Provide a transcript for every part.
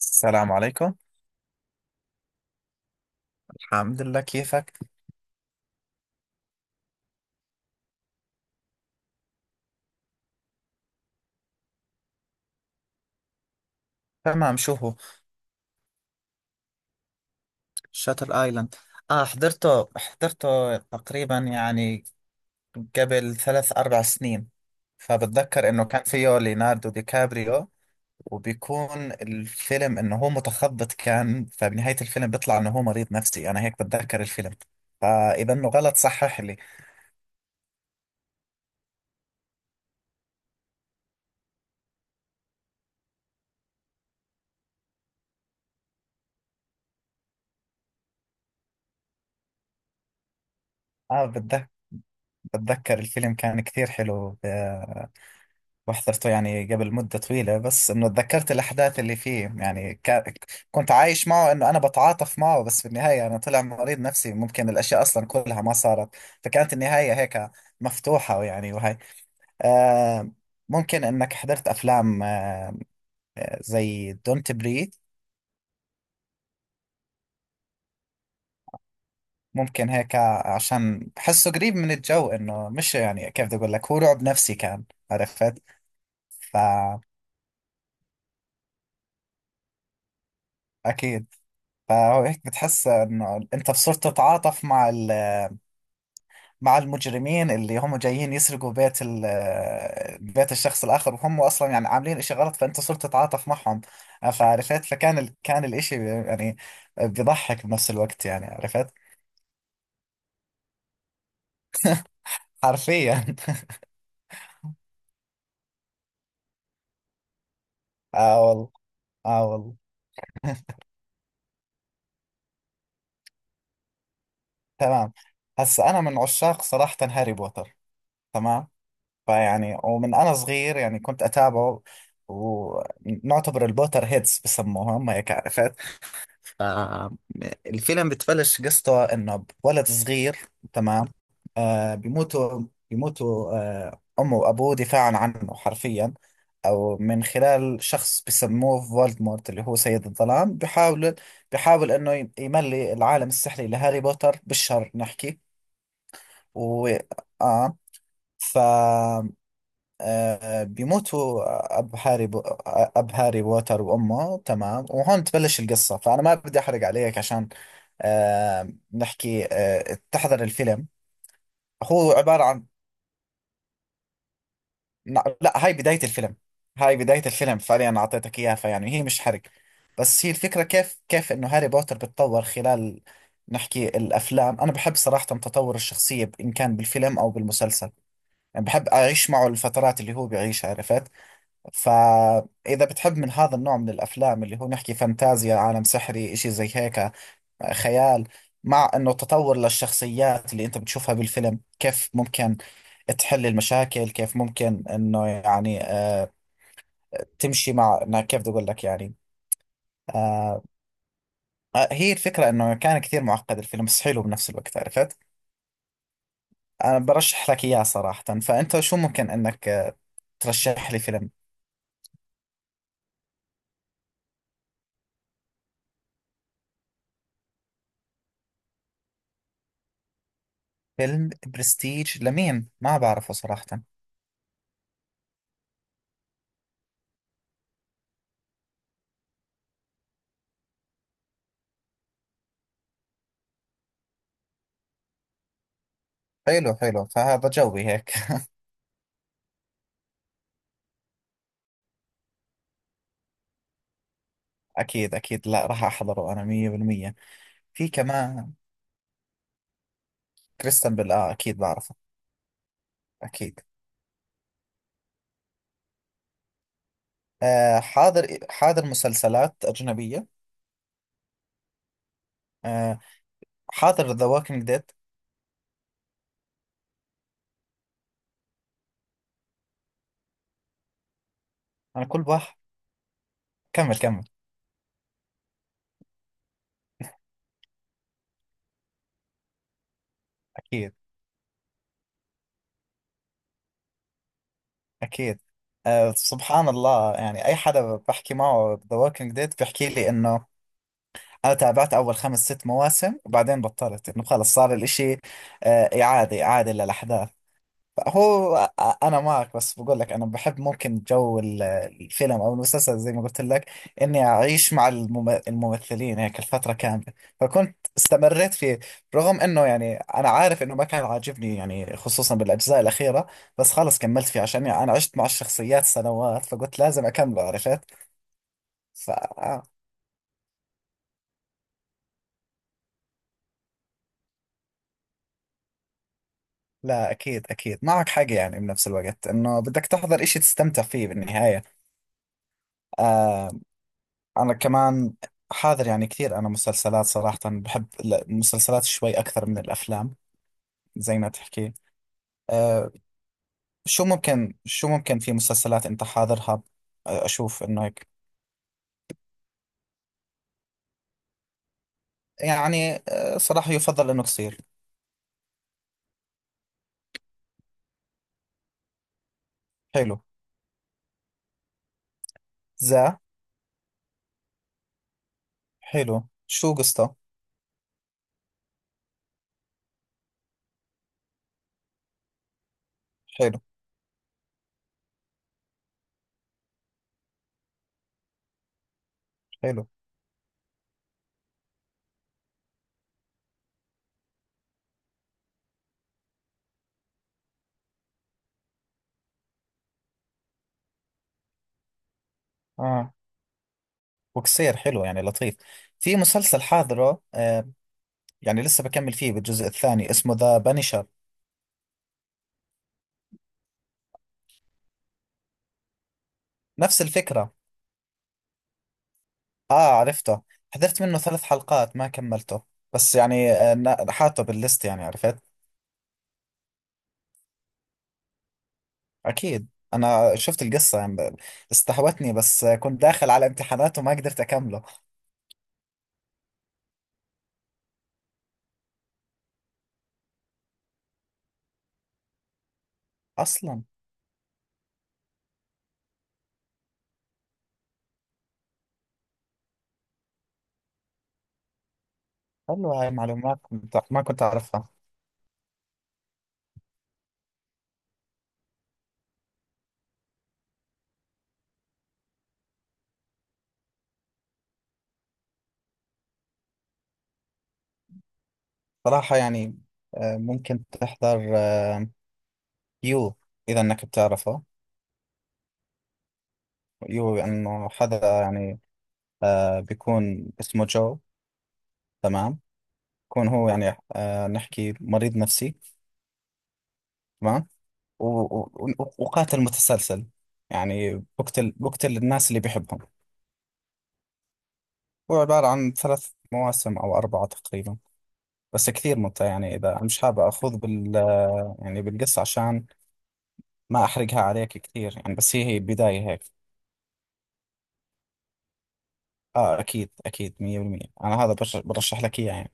السلام عليكم. الحمد لله، كيفك؟ تمام، شو هو؟ شاتل ايلاند. اه حضرته تقريبا، يعني قبل 3 4 سنين، فبتذكر انه كان فيه ليوناردو دي كابريو. وبيكون الفيلم انه هو متخبط كان، فبنهاية الفيلم بيطلع انه هو مريض نفسي. انا هيك بتذكر الفيلم، فاذا انه غلط صحح لي. اه، بتذكر الفيلم، كان كثير حلو. وحضرته يعني قبل مدة طويلة، بس إنه تذكرت الأحداث اللي فيه، يعني كنت عايش معه، إنه أنا بتعاطف معه، بس في النهاية أنا طلع مريض نفسي، ممكن الأشياء أصلا كلها ما صارت. فكانت النهاية هيك مفتوحة يعني، وهي آه ممكن إنك حضرت أفلام زي دونت بريث. ممكن هيك عشان بحسه قريب من الجو، إنه مش يعني كيف بدي أقول لك، هو رعب نفسي كان، عرفت؟ فأكيد، فهو هيك بتحس إنه أنت بصرت تتعاطف مع المجرمين اللي هم جايين يسرقوا بيت الشخص الآخر، وهم أصلا يعني عاملين إشي غلط، فأنت صرت تتعاطف معهم. فعرفت، فكان كان الإشي يعني بيضحك بنفس الوقت، يعني عرفت؟ حرفيا آه والله، آه والله تمام، هسا أنا من عشاق صراحة هاري بوتر. تمام، فيعني ومن أنا صغير يعني كنت أتابعه، ونعتبر البوتر هيدز بسموهم هيك، عرفت؟ الفيلم بتبلش قصته انه ولد صغير، تمام، آه بيموتوا بيموتوا امه وابوه دفاعا عنه حرفيا، او من خلال شخص بسموه فولدمورت اللي هو سيد الظلام. بيحاول انه يملي العالم السحري لهاري بوتر بالشر، نحكي. و اه ف آه بيموتوا اب هاري بو... اب هاري بوتر وامه، تمام، وهون تبلش القصة. فانا ما بدي احرق عليك عشان نحكي، تحضر الفيلم. هو عبارة عن... لا لا، هاي بداية الفيلم، هاي بداية الفيلم فعليا أعطيتك إياها، فيعني هي مش حرق. بس هي الفكرة، كيف إنه هاري بوتر بتطور خلال، نحكي، الأفلام. أنا بحب صراحة تطور الشخصية، إن كان بالفيلم أو بالمسلسل، يعني بحب أعيش معه الفترات اللي هو بيعيشها، عرفت؟ فإذا بتحب من هذا النوع من الأفلام، اللي هو نحكي فانتازيا، عالم سحري، إشي زي هيك، خيال، مع انه تطور للشخصيات اللي انت بتشوفها بالفيلم، كيف ممكن تحل المشاكل، كيف ممكن انه يعني تمشي مع إنها كيف بدي اقول لك يعني. آه هي الفكرة انه كان كثير معقد الفيلم، بس حلو بنفس الوقت، عرفت؟ انا برشح لك اياه صراحة. فانت شو ممكن انك ترشح لي فيلم؟ فيلم برستيج لمين؟ ما بعرفه صراحة. حلو حلو، فهذا جوي هيك اكيد اكيد، لا راح احضره انا 100%. في كمان كريستن بيل، اه اكيد بعرفه، أكيد. حاضر حاضر مسلسلات أجنبية. آه حاضر ذا ووكينج ديد. أنا كل واحد، كمل كمل، أكيد أكيد. آه سبحان الله، يعني أي حدا بحكي معه ذا ووكينج ديد بيحكي لي إنه أنا تابعت أول 5 6 مواسم وبعدين بطلت، إنه خلص صار الإشي إعادة إعادة للأحداث. هو انا معك، بس بقول لك انا بحب ممكن جو الفيلم او المسلسل، زي ما قلت لك، اني اعيش مع الممثلين هيك الفتره كامله. فكنت استمريت فيه رغم انه يعني انا عارف انه ما كان عاجبني يعني، خصوصا بالاجزاء الاخيره، بس خلص كملت فيه عشان يعني انا عشت مع الشخصيات سنوات، فقلت لازم اكمله، عرفت؟ ف آه، لا اكيد اكيد معك حق، يعني بنفس الوقت انه بدك تحضر اشي تستمتع فيه بالنهايه. آه، أنا كمان حاضر يعني كثير. أنا مسلسلات صراحة بحب المسلسلات شوي أكثر من الأفلام، زي ما تحكي. أه، شو ممكن في مسلسلات أنت حاضرها؟ أشوف إنه هيك. يعني صراحة يفضل إنه قصير. حلو. ذا حلو، شو قصته؟ حلو حلو. آه وقصير، حلو يعني لطيف. في مسلسل حاضره، يعني لسه بكمل فيه بالجزء الثاني، اسمه ذا بانشر. نفس الفكرة. اه عرفته، حضرت منه 3 حلقات ما كملته، بس يعني حاطه بالليست، يعني عرفت. اكيد، انا شفت القصة يعني استهوتني، بس كنت داخل على امتحانات وما قدرت اكمله. اصلا حلوة هاي المعلومات، كنت ما كنت اعرفها. صراحة يعني ممكن تحضر يو، اذا انك بتعرفه. يو انه حدا يعني بيكون اسمه جو، تمام، يكون هو يعني نحكي مريض نفسي، تمام، و- و- وقاتل متسلسل، يعني بقتل الناس اللي بيحبهم. هو عبارة عن 3 مواسم أو 4 تقريبا، بس كثير ممتع. يعني إذا مش حابب أخوض بال، يعني بالقصة، عشان ما أحرقها عليك كثير يعني، بس هي بداية هيك. أكيد أكيد مية بالمية أنا هذا برشح لك إياه يعني.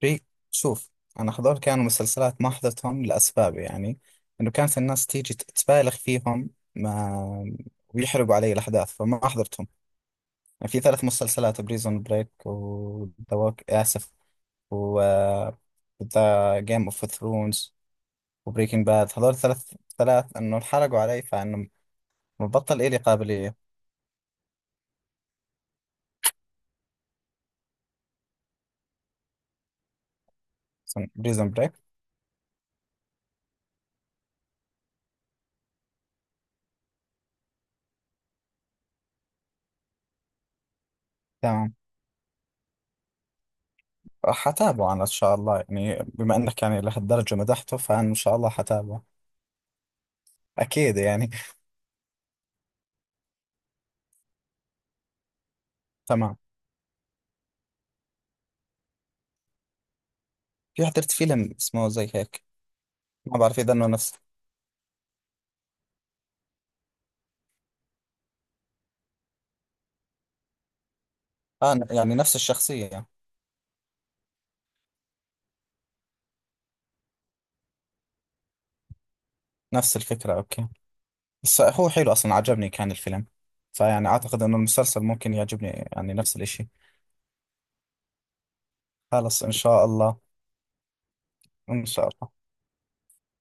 في، شوف، أنا هذول كانوا مسلسلات ما حضرتهم لأسباب، يعني إنه كانت الناس تيجي تبالغ فيهم ما، ويحرقوا علي الأحداث فما حضرتهم. في 3 مسلسلات: بريزون بريك، وذا ووك آسف، و ذا جيم اوف ثرونز، وبريكنج باد. هذول ثلاث، انه انحرقوا علي فانه مبطل إلي قابلية. بريزون بريك، تمام، حتابعه انا ان شاء الله يعني، بما انك يعني لهالدرجة مدحته، فانا ان شاء الله حتابعه، اكيد يعني تمام. في حضرت فيلم اسمه زي هيك، ما بعرف اذا انه نفس يعني نفس الشخصية؟ نفس الفكرة، اوكي. بس هو حلو، أصلا عجبني كان الفيلم، فيعني أعتقد إنه المسلسل ممكن يعجبني، يعني نفس الإشي. خلص إن شاء الله. إن شاء الله.